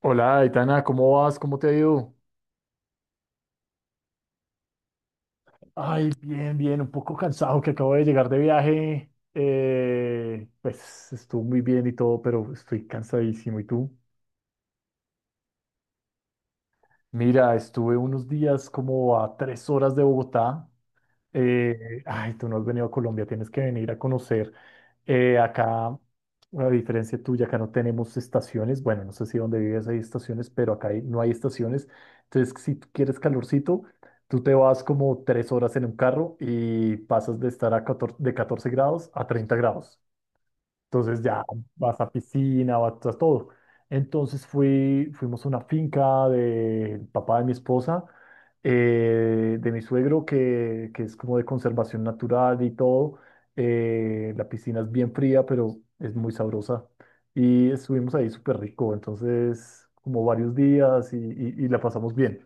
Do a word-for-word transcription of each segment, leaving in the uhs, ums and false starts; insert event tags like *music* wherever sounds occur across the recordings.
Hola, Aitana, ¿cómo vas? ¿Cómo te ha ido? Ay, bien, bien, un poco cansado que acabo de llegar de viaje. Eh, pues estuvo muy bien y todo, pero estoy cansadísimo. ¿Y tú? Mira, estuve unos días como a tres horas de Bogotá. Eh, ay, tú no has venido a Colombia, tienes que venir a conocer. Eh, acá, a diferencia tuya, acá no tenemos estaciones. Bueno, no sé si donde vives hay estaciones, pero acá hay- no hay estaciones. Entonces, si tú quieres calorcito, tú te vas como tres horas en un carro y pasas de estar a catorce, de catorce grados a treinta grados. Entonces ya vas a piscina, vas a todo. Entonces fui, fuimos a una finca del papá de mi esposa, eh, de mi suegro, que, que es como de conservación natural y todo. Eh, la piscina es bien fría, pero es muy sabrosa. Y estuvimos ahí súper rico, entonces como varios días y, y- y la pasamos bien.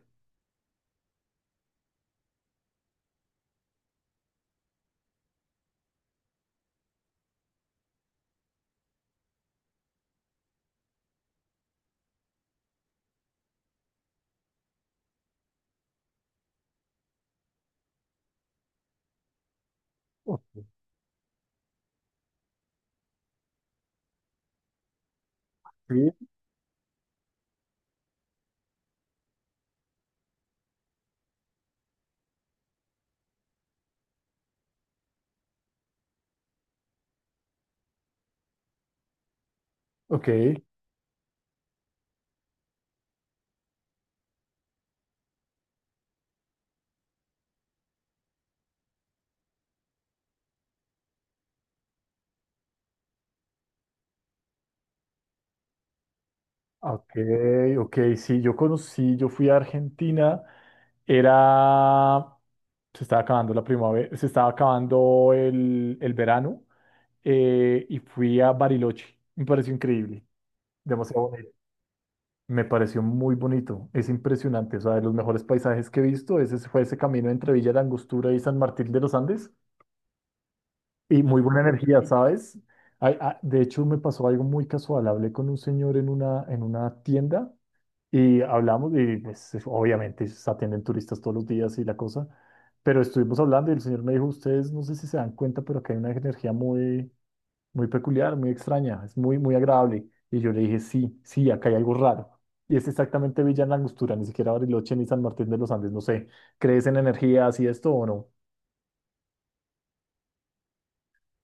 Ok. Sí, ok. Ok, ok, sí, yo conocí, yo fui a Argentina, era, se estaba acabando la primavera, se estaba acabando el, el verano, eh, y fui a Bariloche, me pareció increíble, demasiado bonito, me pareció muy bonito, es impresionante, o sea, de los mejores paisajes que he visto, ese fue ese camino entre Villa La Angostura y San Martín de los Andes y muy buena energía, ¿sabes? Ay, ah, de hecho, me pasó algo muy casual, hablé con un señor en una, en una tienda. Y hablamos y pues obviamente se atienden turistas todos los días y la cosa, pero estuvimos hablando y el señor me dijo, ustedes no sé si se dan cuenta, pero acá hay una energía muy, muy peculiar, muy extraña, es muy, muy agradable. Y yo le dije, sí, sí, acá hay algo raro. Y es exactamente Villa en la Angostura, ni siquiera Bariloche ni San Martín de los Andes, no sé, ¿crees en energías y esto o no?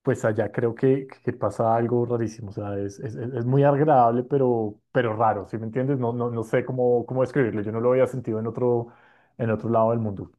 Pues allá creo que, que pasa algo rarísimo, o sea, es, es, es- es muy agradable, pero, pero raro, ¿sí me entiendes? No, no, no sé cómo, cómo describirlo, yo no lo había sentido en otro, en otro lado del mundo.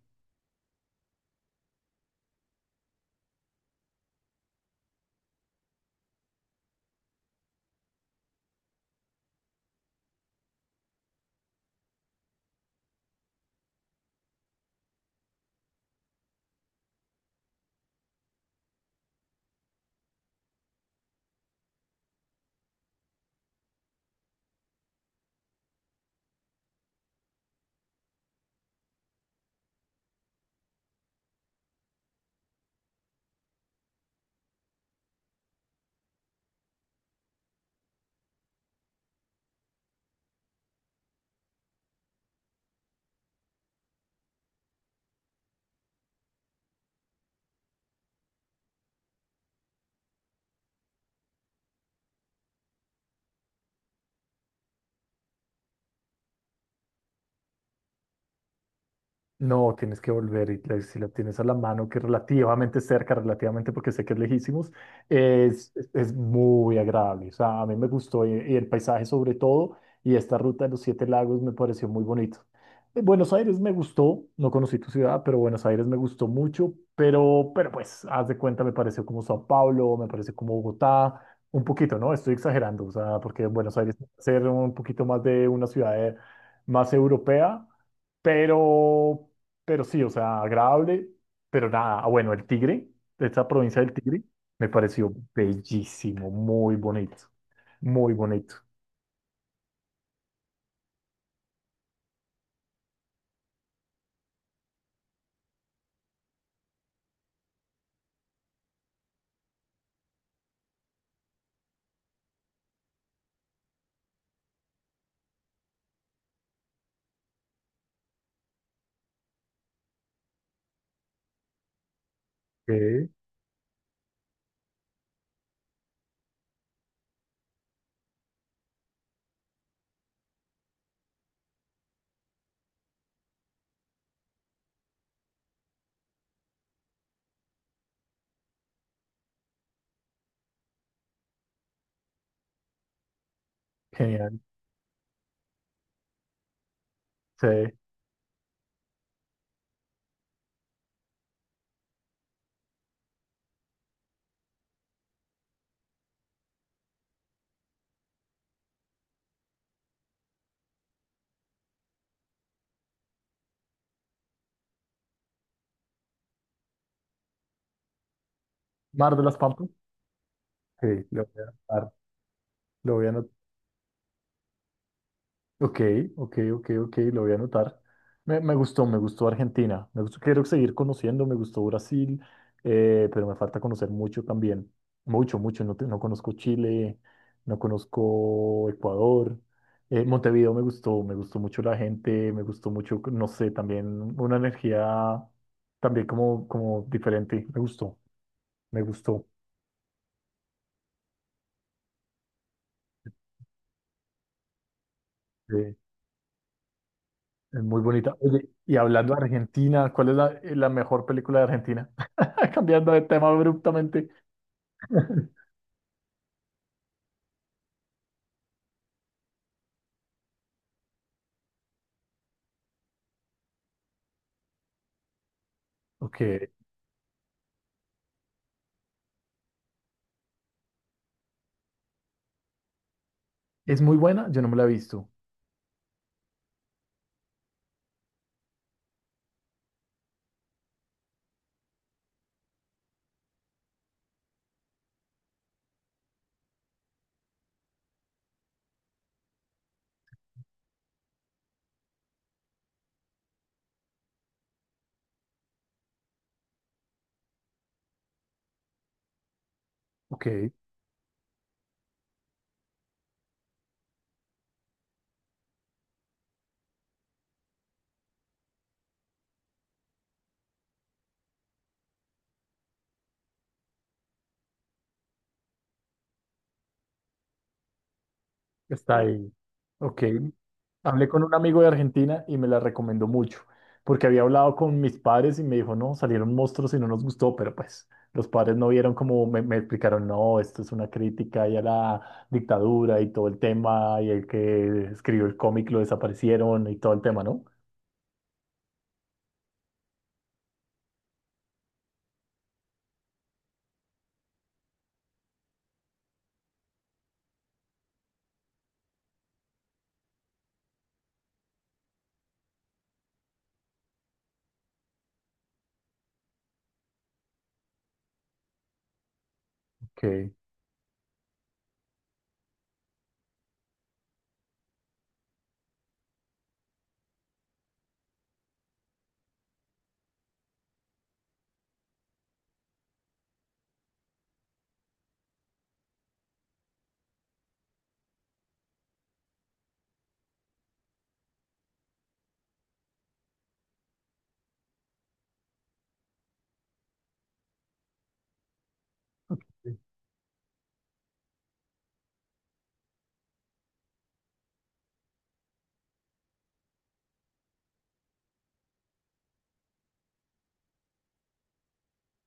No, tienes que volver y la- si la tienes a la mano, que relativamente cerca, relativamente porque sé que es lejísimos, es, es, es muy agradable. O sea, a mí me gustó y, y el paisaje sobre todo y esta ruta de los Siete Lagos me pareció muy bonito. Eh, Buenos Aires me gustó, no conocí tu ciudad, pero Buenos Aires me gustó mucho, pero, pero pues, haz de cuenta, me pareció como Sao Paulo, me pareció como Bogotá, un poquito, ¿no? Estoy exagerando, o sea, porque Buenos Aires va a ser un poquito más de una ciudad, eh, más europea. Pero, pero sí, o sea, agradable, pero nada. Ah, bueno, el Tigre, esta provincia del Tigre, me pareció bellísimo, muy bonito, muy bonito. Sí, genial. Sí. Mar de las Pampas. Sí, lo voy a anotar, lo voy a anotar. Ok, ok, ok, ok, lo voy a anotar. Me, me gustó, me gustó Argentina. Me gustó, quiero seguir conociendo, me gustó Brasil, eh, pero me falta conocer mucho también. Mucho, mucho. No, te- no conozco Chile, no conozco Ecuador. Eh, Montevideo me gustó, me gustó mucho la gente, me gustó mucho, no sé, también una energía también como, como diferente. Me gustó, me gustó. Eh. Es muy bonita. Oye, y hablando de Argentina, ¿cuál es la, eh, la mejor película de Argentina? *laughs* Cambiando de tema abruptamente. *laughs* Ok. ¿Es muy buena? Yo no me la he visto. Ok. Está ahí. Ok. Hablé con un amigo de Argentina y me la recomendó mucho, porque había hablado con mis padres y me dijo, no, salieron monstruos y no nos gustó, pero pues los padres no vieron como me, me explicaron, no, esto es una crítica y a la dictadura y todo el tema y el que escribió el cómic lo desaparecieron y todo el tema, ¿no? Ok.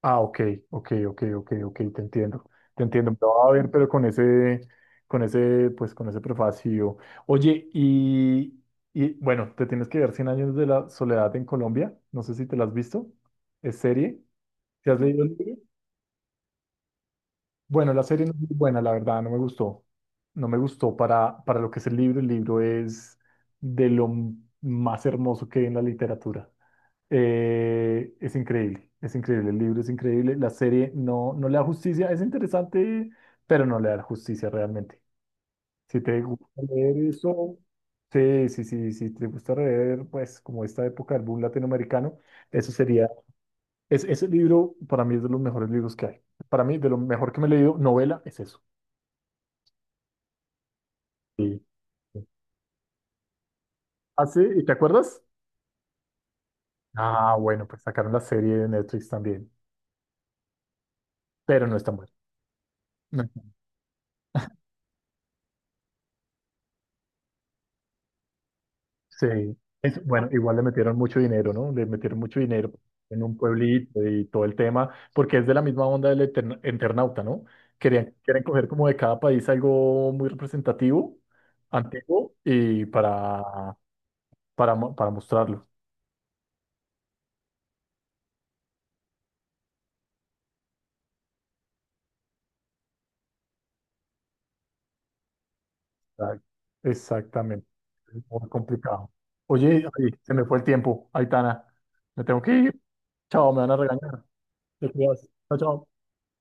Ah, ok, ok, ok, ok, ok, te entiendo. Te entiendo. Me lo va a ver, pero con ese, con ese, pues con ese prefacio. Oye, y, y bueno, te tienes que ver Cien Años de la Soledad en Colombia. No sé si te la has visto. ¿Es serie? ¿Te has leído el libro? Bueno, la serie no es muy buena, la verdad, no me gustó. No me gustó para, para lo que es el libro. El libro es de lo m- más hermoso que hay en la literatura. Eh, es increíble, es increíble, el libro es increíble, la serie no, no le da justicia, es interesante, pero no le da justicia realmente. Si te gusta leer eso, sí, sí, sí, si te gusta leer, pues como esta época del boom latinoamericano, eso sería, es, ese libro para mí es de los mejores libros que hay. Para mí, de lo mejor que me he leído, novela, es eso. Sí. Ah, sí, ¿y te acuerdas? Ah, bueno, pues sacaron la serie de Netflix también, pero no es tan buena. Sí, es, bueno, igual le metieron mucho dinero, ¿no? Le metieron mucho dinero en un pueblito y todo el tema, porque es de la misma onda del Eterna- Eternauta, ¿no? Querían, quieren coger como de cada país algo muy representativo, antiguo, y para, para, mo- para mostrarlo. Ah, exactamente, es muy complicado. Oye, ay, se me fue el tiempo, Aitana, me tengo que ir. Chao, me van a regañar. Te cuidas. Chao, chao.